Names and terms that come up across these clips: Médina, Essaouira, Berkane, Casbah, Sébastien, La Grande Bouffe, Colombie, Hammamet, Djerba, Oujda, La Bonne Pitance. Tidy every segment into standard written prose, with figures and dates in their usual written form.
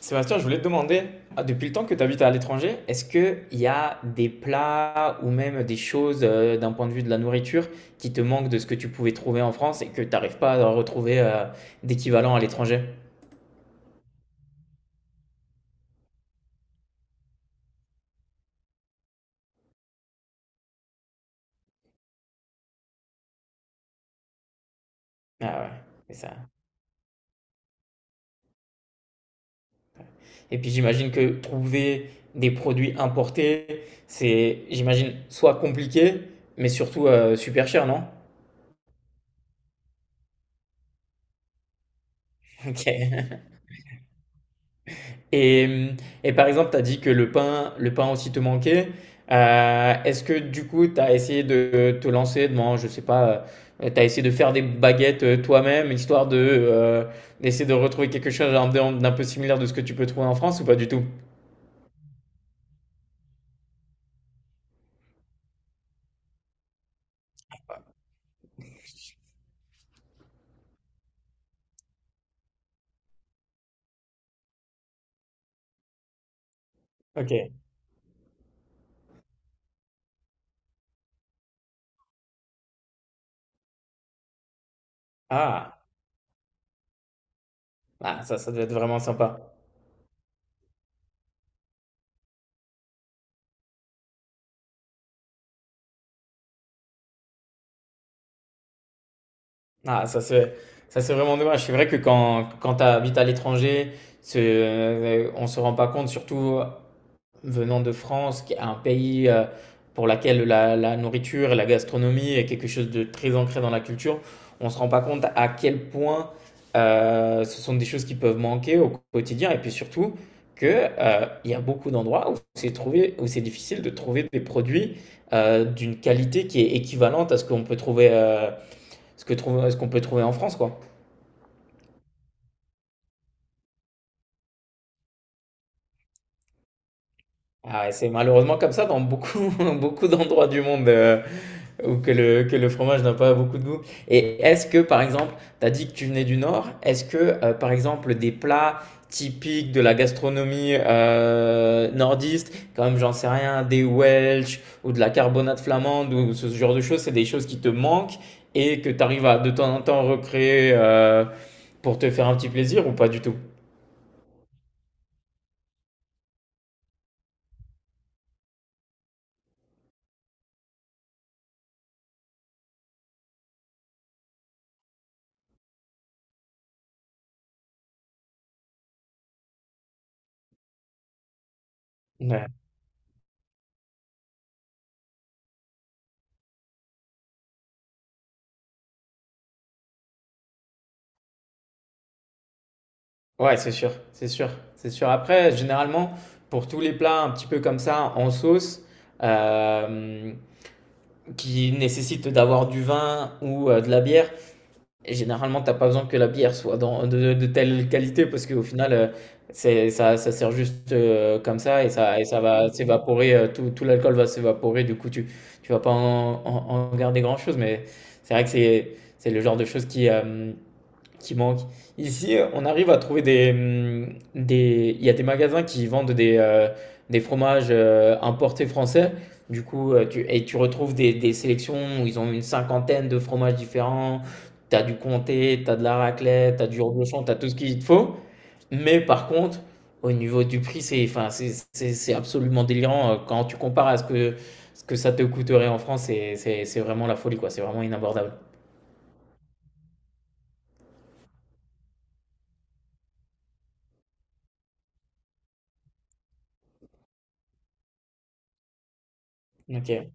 Sébastien, je voulais te demander, ah, depuis le temps que tu habites à l'étranger, est-ce qu'il y a des plats ou même des choses d'un point de vue de la nourriture qui te manquent de ce que tu pouvais trouver en France et que tu n'arrives pas à retrouver d'équivalent à l'étranger? Ah ouais, c'est ça. Et puis j'imagine que trouver des produits importés, c'est, j'imagine, soit compliqué, mais surtout super cher, non? Ok. Et, et par exemple, tu as dit que le pain aussi te manquait. Est-ce que du coup, tu as essayé de te lancer dans, je sais pas, tu as essayé de faire des baguettes toi-même, histoire de d'essayer de retrouver quelque chose d'un peu similaire de ce que tu peux trouver en France ou pas du tout? Ok. Ah, ah ça, ça doit être vraiment sympa. Ah, ça, c'est vraiment dommage. C'est vrai que quand tu habites à l'étranger, on se rend pas compte, surtout venant de France, qui est un pays pour laquelle la nourriture et la gastronomie est quelque chose de très ancré dans la culture, on ne se rend pas compte à quel point ce sont des choses qui peuvent manquer au quotidien. Et puis surtout, que, il y a beaucoup d'endroits où c'est trouvé, où c'est difficile de trouver des produits d'une qualité qui est équivalente à ce qu'on peut trouver, ce qu'on peut trouver en France, quoi. Ah ouais, c'est malheureusement comme ça dans beaucoup, beaucoup d'endroits du monde où que le fromage n'a pas beaucoup de goût. Et est-ce que, par exemple, tu as dit que tu venais du Nord, est-ce que, par exemple, des plats typiques de la gastronomie nordiste, comme j'en sais rien, des Welsh ou de la carbonade flamande ou ce genre de choses, c'est des choses qui te manquent et que tu arrives à de temps en temps recréer pour te faire un petit plaisir ou pas du tout? Ouais, c'est sûr, c'est sûr, c'est sûr. Après, généralement, pour tous les plats un petit peu comme ça, en sauce, euh, qui nécessitent d'avoir du vin ou de la bière, et généralement, t'as pas besoin que la bière soit dans, de telle qualité, parce qu'au final, ça sert juste comme ça, et ça va s'évaporer, tout l'alcool va s'évaporer, du coup, tu vas pas en, en garder grand-chose, mais c'est vrai que c'est le genre de choses qui manque. Ici, on arrive à trouver il y a des magasins qui vendent des fromages importés français. Du coup, et tu retrouves des sélections où ils ont une cinquantaine de fromages différents. T'as du comté, t'as de la raclette, t'as du reblochon, t'as tout ce qu'il te faut. Mais par contre, au niveau du prix, enfin, c'est absolument délirant. Quand tu compares à ce que ça te coûterait en France, c'est vraiment la folie, quoi. C'est vraiment inabordable. Ok.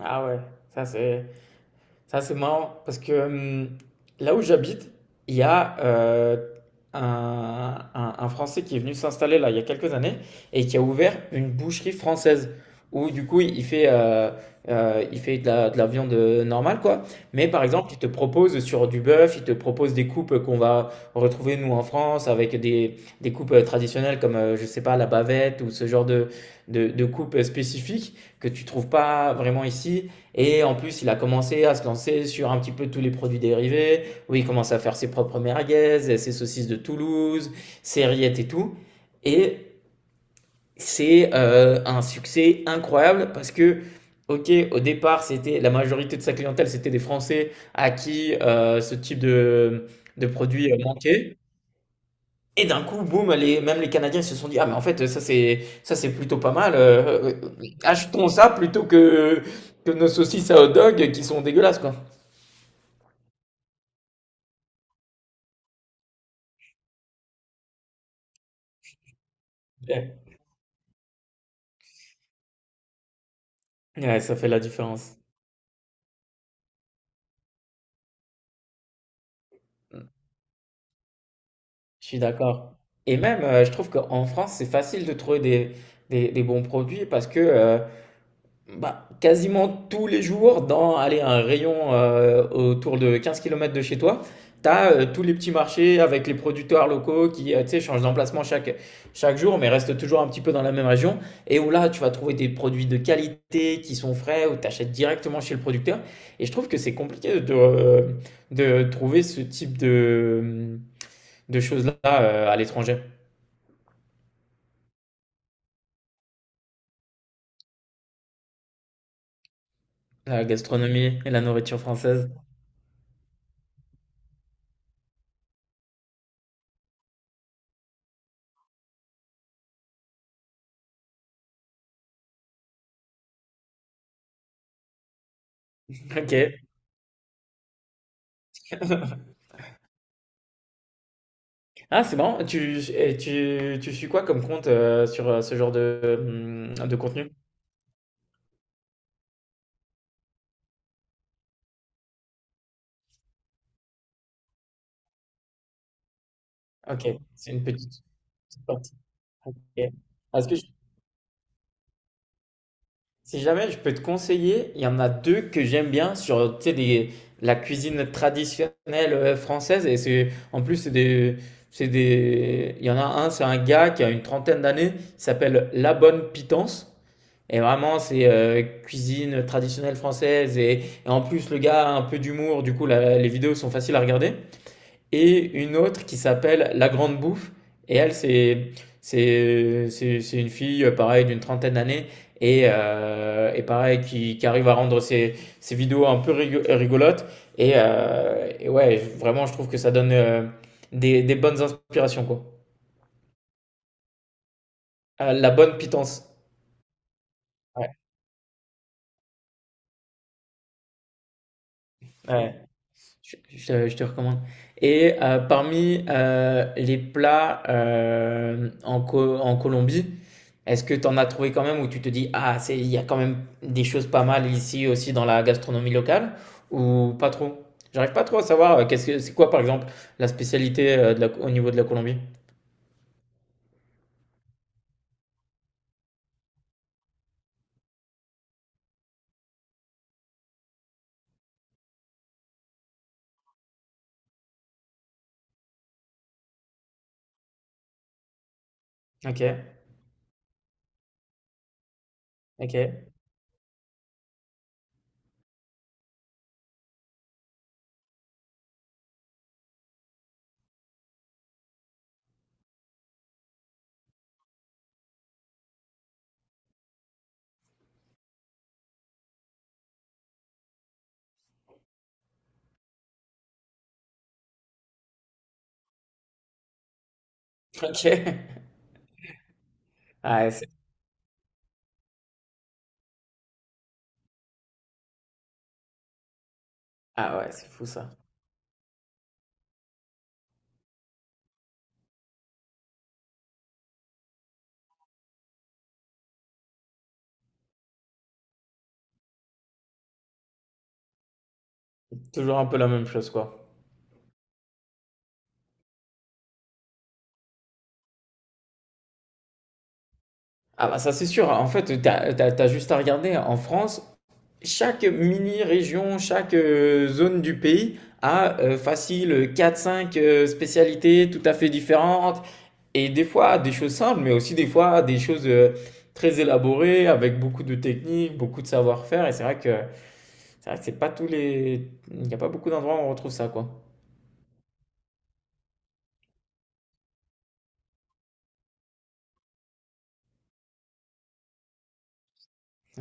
Ah ouais, ça c'est. Ça, c'est marrant parce que là où j'habite, il y a un Français qui est venu s'installer là il y a quelques années et qui a ouvert une boucherie française où du coup il fait de la viande normale quoi. Mais par exemple, il te propose sur du bœuf, il te propose des coupes qu'on va retrouver nous en France avec des coupes traditionnelles comme je sais pas la bavette ou ce genre de coupes spécifiques que tu trouves pas vraiment ici. Et en plus, il a commencé à se lancer sur un petit peu tous les produits dérivés, où il commence à faire ses propres merguez, ses saucisses de Toulouse, ses rillettes et tout. Et c'est un succès incroyable parce que, ok, au départ, c'était la majorité de sa clientèle, c'était des Français à qui ce type de produit manquait. Et d'un coup, boum, même les Canadiens se sont dit, ah mais en fait, ça c'est plutôt pas mal. Achetons ça plutôt que nos saucisses à hot dog qui sont dégueulasses, quoi. Ouais. Ouais, ça fait la différence. Mmh. Je suis d'accord. Et même, je trouve qu'en France, c'est facile de trouver des bons produits parce que, bah, quasiment tous les jours, dans allez, un rayon autour de 15 km de chez toi, tu as tous les petits marchés avec les producteurs locaux qui tu sais, changent d'emplacement chaque jour, mais restent toujours un petit peu dans la même région. Et où là, tu vas trouver des produits de qualité qui sont frais, ou tu achètes directement chez le producteur. Et je trouve que c'est compliqué de trouver ce type de choses-là à l'étranger. La gastronomie et la nourriture française. Ok. Ah, c'est marrant. Tu suis quoi comme compte sur ce genre de contenu? Ok, c'est une petite partie. Ok. Parce que si jamais je peux te conseiller, il y en a deux que j'aime bien sur tu sais, la cuisine traditionnelle française. Et en plus, il y en a un, c'est un gars qui a une trentaine d'années, il s'appelle La Bonne Pitance. Et vraiment, c'est cuisine traditionnelle française. Et en plus, le gars a un peu d'humour. Du coup, les vidéos sont faciles à regarder. Et une autre qui s'appelle La Grande Bouffe. Et elle, c'est une fille, pareil, d'une trentaine d'années. Et pareil, qui arrive à rendre ses vidéos un peu rigolotes. Et ouais, vraiment, je trouve que ça donne des bonnes inspirations, quoi. La bonne pitance. Ouais. Ouais. Je te recommande. Et parmi les plats en Colombie, est-ce que tu en as trouvé quand même où tu te dis, ah, il y a quand même des choses pas mal ici aussi dans la gastronomie locale ou pas trop? J'arrive pas trop à savoir, c'est quoi par exemple la spécialité au niveau de la Colombie? Ok, ok, ok. Ah, ah ouais, c'est fou ça. Toujours un peu la même chose quoi. Ah bah ça c'est sûr, en fait, t'as juste à regarder en France. Chaque mini-région, chaque zone du pays a facile quatre cinq spécialités tout à fait différentes. Et des fois, des choses simples, mais aussi des fois, des choses très élaborées, avec beaucoup de techniques, beaucoup de savoir-faire. Et c'est vrai que c'est pas tous les... Il n'y a pas beaucoup d'endroits où on retrouve ça, quoi.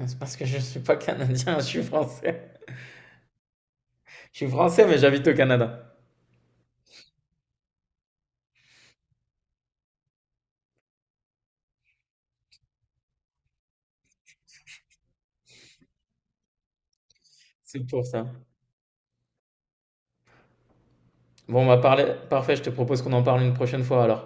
C'est parce que je ne suis pas canadien, je suis français. Je suis français, mais j'habite au Canada. C'est pour ça. Bon, on va parler... Parfait, je te propose qu'on en parle une prochaine fois, alors.